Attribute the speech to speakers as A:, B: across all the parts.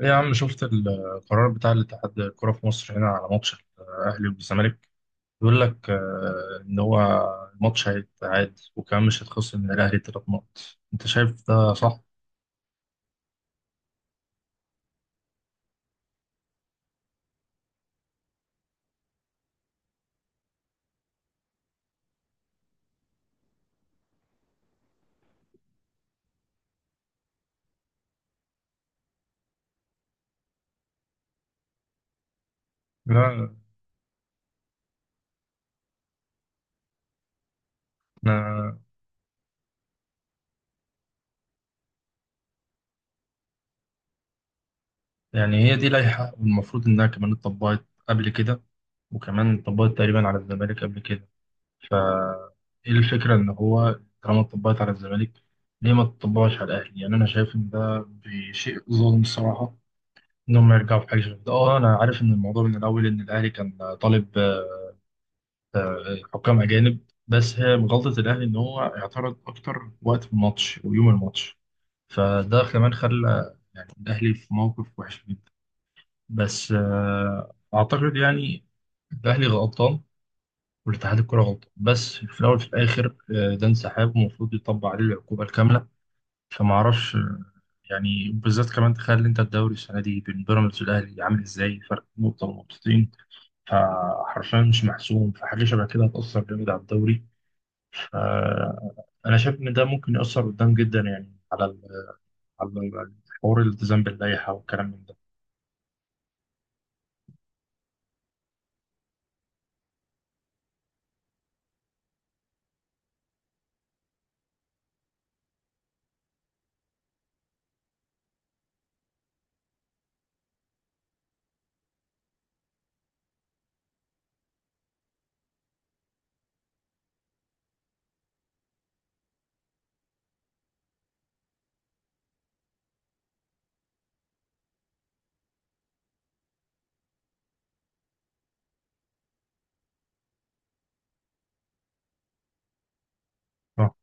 A: ايه يا عم، شفت القرار بتاع الاتحاد الكرة في مصر هنا على ماتش الأهلي والزمالك؟ بيقول لك إن هو الماتش هيتعاد، وكمان مش هيتخصم من الأهلي تلات نقط. أنت شايف ده صح؟ لا. أنا يعني هي دي لائحة، والمفروض إنها كمان اتطبقت قبل كده، وكمان اتطبقت تقريبا على الزمالك قبل كده. فا إيه الفكرة؟ إن هو طالما اتطبقت على الزمالك، ليه ما تطبقش على الأهلي؟ يعني أنا شايف إن ده بشيء ظلم الصراحة، انهم يرجعوا في حاجه شبه كده. اه، انا عارف ان الموضوع من الاول ان الاهلي كان طالب حكام اجانب، بس هي غلطه الاهلي ان هو اعترض اكتر وقت في الماتش ويوم الماتش. فده كمان خلى يعني الاهلي في موقف وحش جدا. بس اعتقد يعني الاهلي غلطان والاتحاد الكره غلطان، بس في الاول في الاخر ده انسحاب ومفروض يطبق عليه العقوبه الكامله. فما اعرفش يعني بالذات كمان تخيل انت الدوري السنه دي بين بيراميدز والاهلي عامل ازاي، فرق نقطه ونقطتين. فحرفيا مش محسوم، فحاجة شبه كده هتأثر جامد على الدوري. فأنا شايف إن ده ممكن يأثر قدام جدا يعني على على حوار الالتزام باللائحة والكلام من ده. آه.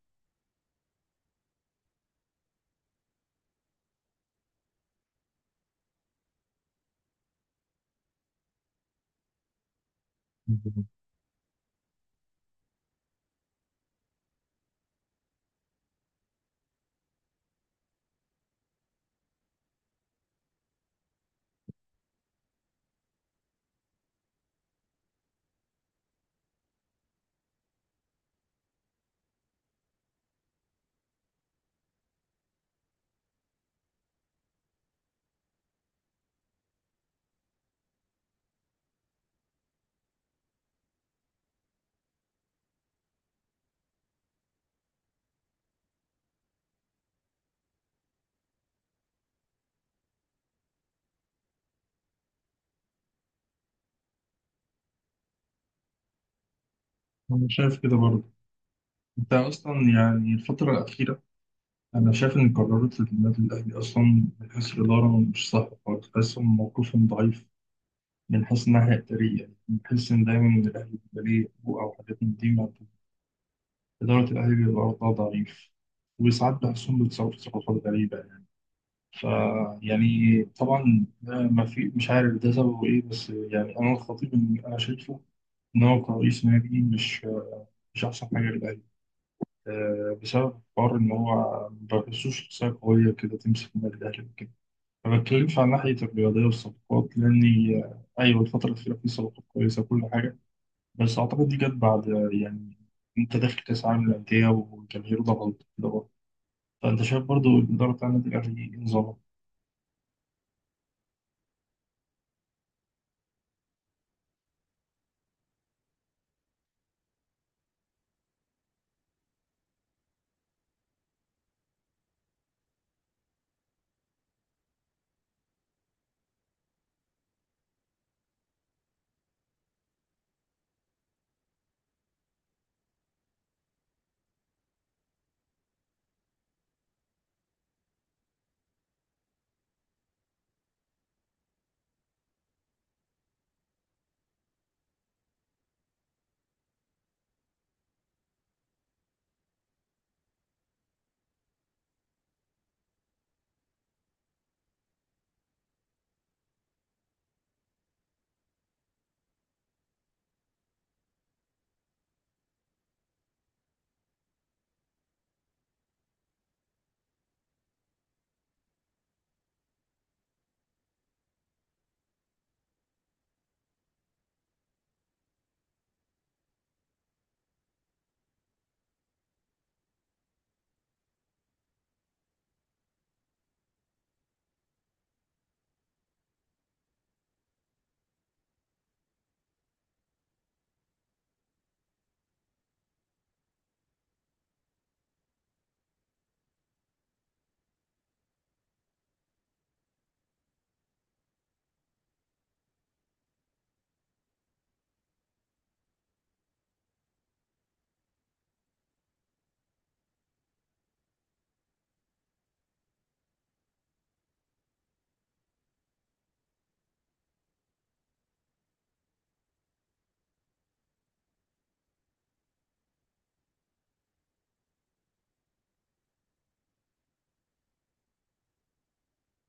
A: أنا شايف كده برضه. أنت أصلا يعني الفترة الأخيرة، أنا شايف إن قرارات النادي الأهلي أصلا من حيث الإدارة مش صح خالص، تحسهم موقفهم ضعيف. من حيث الناحية الإدارية يعني بحس إن دايما إن الأهلي بيبقى ليه حقوق أو حاجات من دي. إدارة الأهلي بيبقى برضه ضعيف، وساعات بحسهم بيتصرفوا تصرفات غريبة يعني. ف يعني طبعا ده ما في، مش عارف ده سببه إيه، بس يعني أنا الخطيب إن أنا شايفه إن هو كرئيس نادي مش أحسن حاجة للأهلي. بسبب حوار إن هو ما بحسوش شخصية قوية كده تمسك النادي الأهلي وكده. ما بتكلمش عن ناحية الرياضية والصفقات، لأني أيوة الفترة الأخيرة في صفقات كويسة وكل حاجة، بس أعتقد دي جت بعد آه،، يعني أنت داخل كأس عالم للأندية والجماهير ضغط كده. فأنت شايف برضو الإدارة بتاع النادي الأهلي نظامه.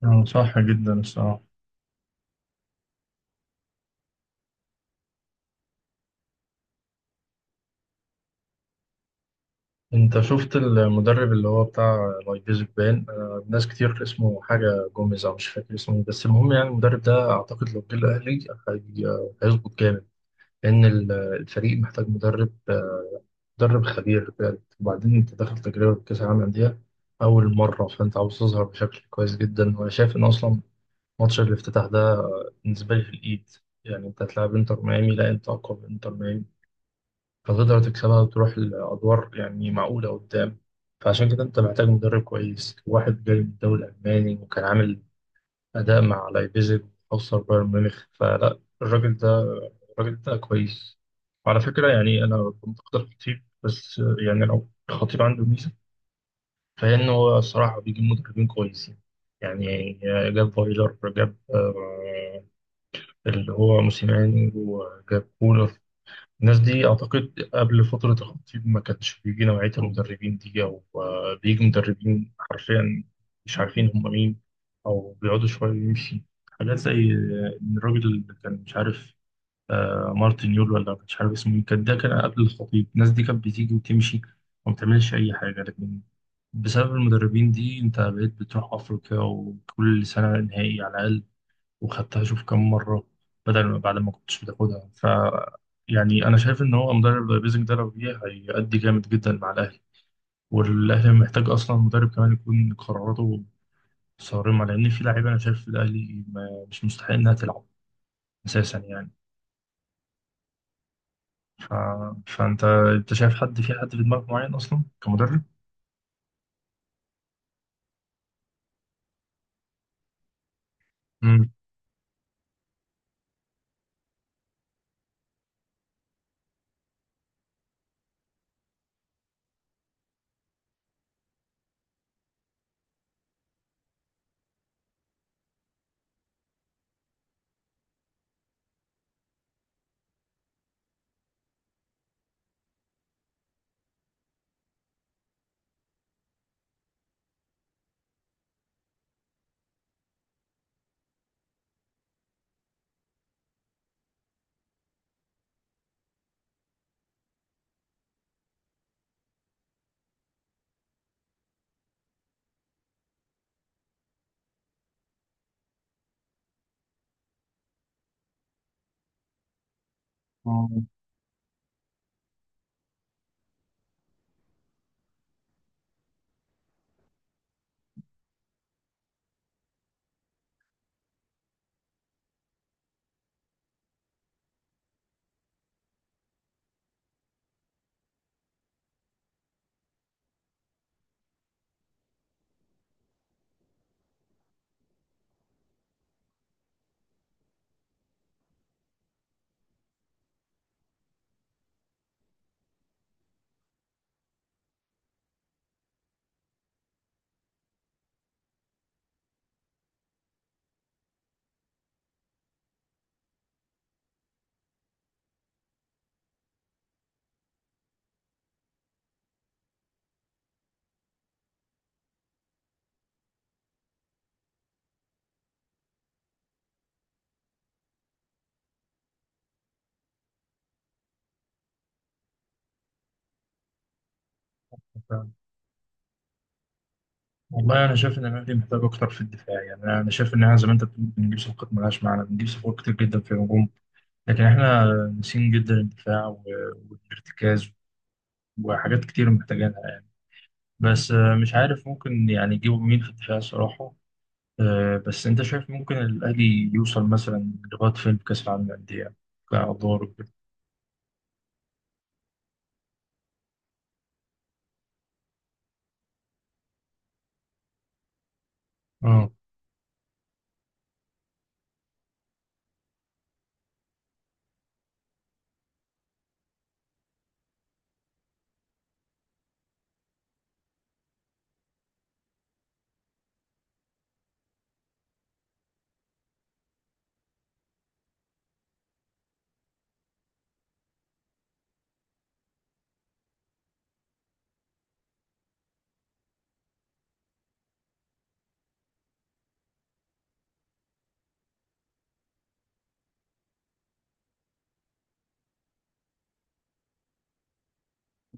A: صح جدا الصراحة. انت شفت المدرب اللي هو بتاع لايبزيج؟ بان ناس كتير اسمه حاجة جوميز، او مش فاكر اسمه إيه، بس المهم يعني المدرب ده اعتقد لو جه الاهلي هيظبط جامد. لان الفريق محتاج مدرب مدرب خبير بجد. وبعدين انت داخل تجربة كأس العالم للأندية اول مرة، فانت عاوز تظهر بشكل كويس جدا. وانا شايف ان اصلا ماتش الافتتاح ده بالنسبة لي في الايد، يعني انت هتلاعب انتر ميامي، لا انت اقوى من انتر ميامي، فتقدر تكسبها وتروح لأدوار يعني معقولة قدام. فعشان كده أنت محتاج مدرب كويس، واحد جاي من الدوري الألماني وكان عامل أداء مع لايبزيج وخسر بايرن ميونخ، فلا الراجل ده كويس. وعلى فكرة يعني أنا كنت أختار خطيب، بس يعني لو الخطيب عنده ميزة فهي إن هو الصراحة بيجيب مدربين كويسين يعني. جاب فايلر، جاب اللي هو موسيماني، وجاب كولر. الناس دي أعتقد قبل فترة الخطيب ما كانش بيجي نوعية المدربين دي، أو بيجي مدربين حرفيا مش عارفين هم مين، أو بيقعدوا شوية ويمشي. حاجات زي إن الراجل اللي كان مش عارف مارتن يول، ولا مش عارف اسمه مين، كان ده كان قبل الخطيب، الناس دي كانت بتيجي وتمشي وما بتعملش أي حاجة. لكن بسبب المدربين دي أنت بقيت بتروح أفريقيا وكل سنة نهائي على الأقل، وخدتها شوف كم مرة، بدل ما بعد ما كنتش بتاخدها. يعني أنا شايف إن هو مدرب زي بيزك ده لو جه هيأدي جامد جدا مع الأهلي. والأهلي محتاج أصلا مدرب كمان يكون قراراته صارمة، لأن في لعيبة أنا شايف في الأهلي ما- مش مستحق إنها تلعب أساسا يعني. ف... فأنت شايف حد في، حد في دماغك معين أصلا كمدرب؟ امم والله انا شايف ان الاهلي محتاج اكتر في الدفاع. يعني انا شايف ان احنا زي ما انت بتقول بنجيب صفقات ملهاش معنى، بنجيب صفقات كتير جدا في الهجوم، لكن احنا ناسيين جدا الدفاع والارتكاز وحاجات كتير محتاجينها يعني. بس مش عارف ممكن يعني يجيبوا مين في الدفاع الصراحة. بس انت شايف ممكن الأهلي يوصل مثلا لغاية فين في كأس العالم للأندية، كأدوار وكده؟ اه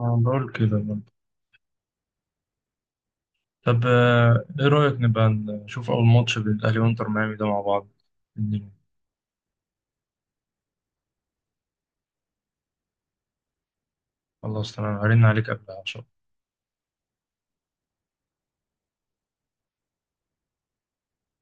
A: بقول كده برضه. طب ايه رأيك نبقى نشوف أول ماتش بين الأهلي وإنتر ميامي ده مع بعض؟ خلاص تمام، هرن عليك قبلها عشان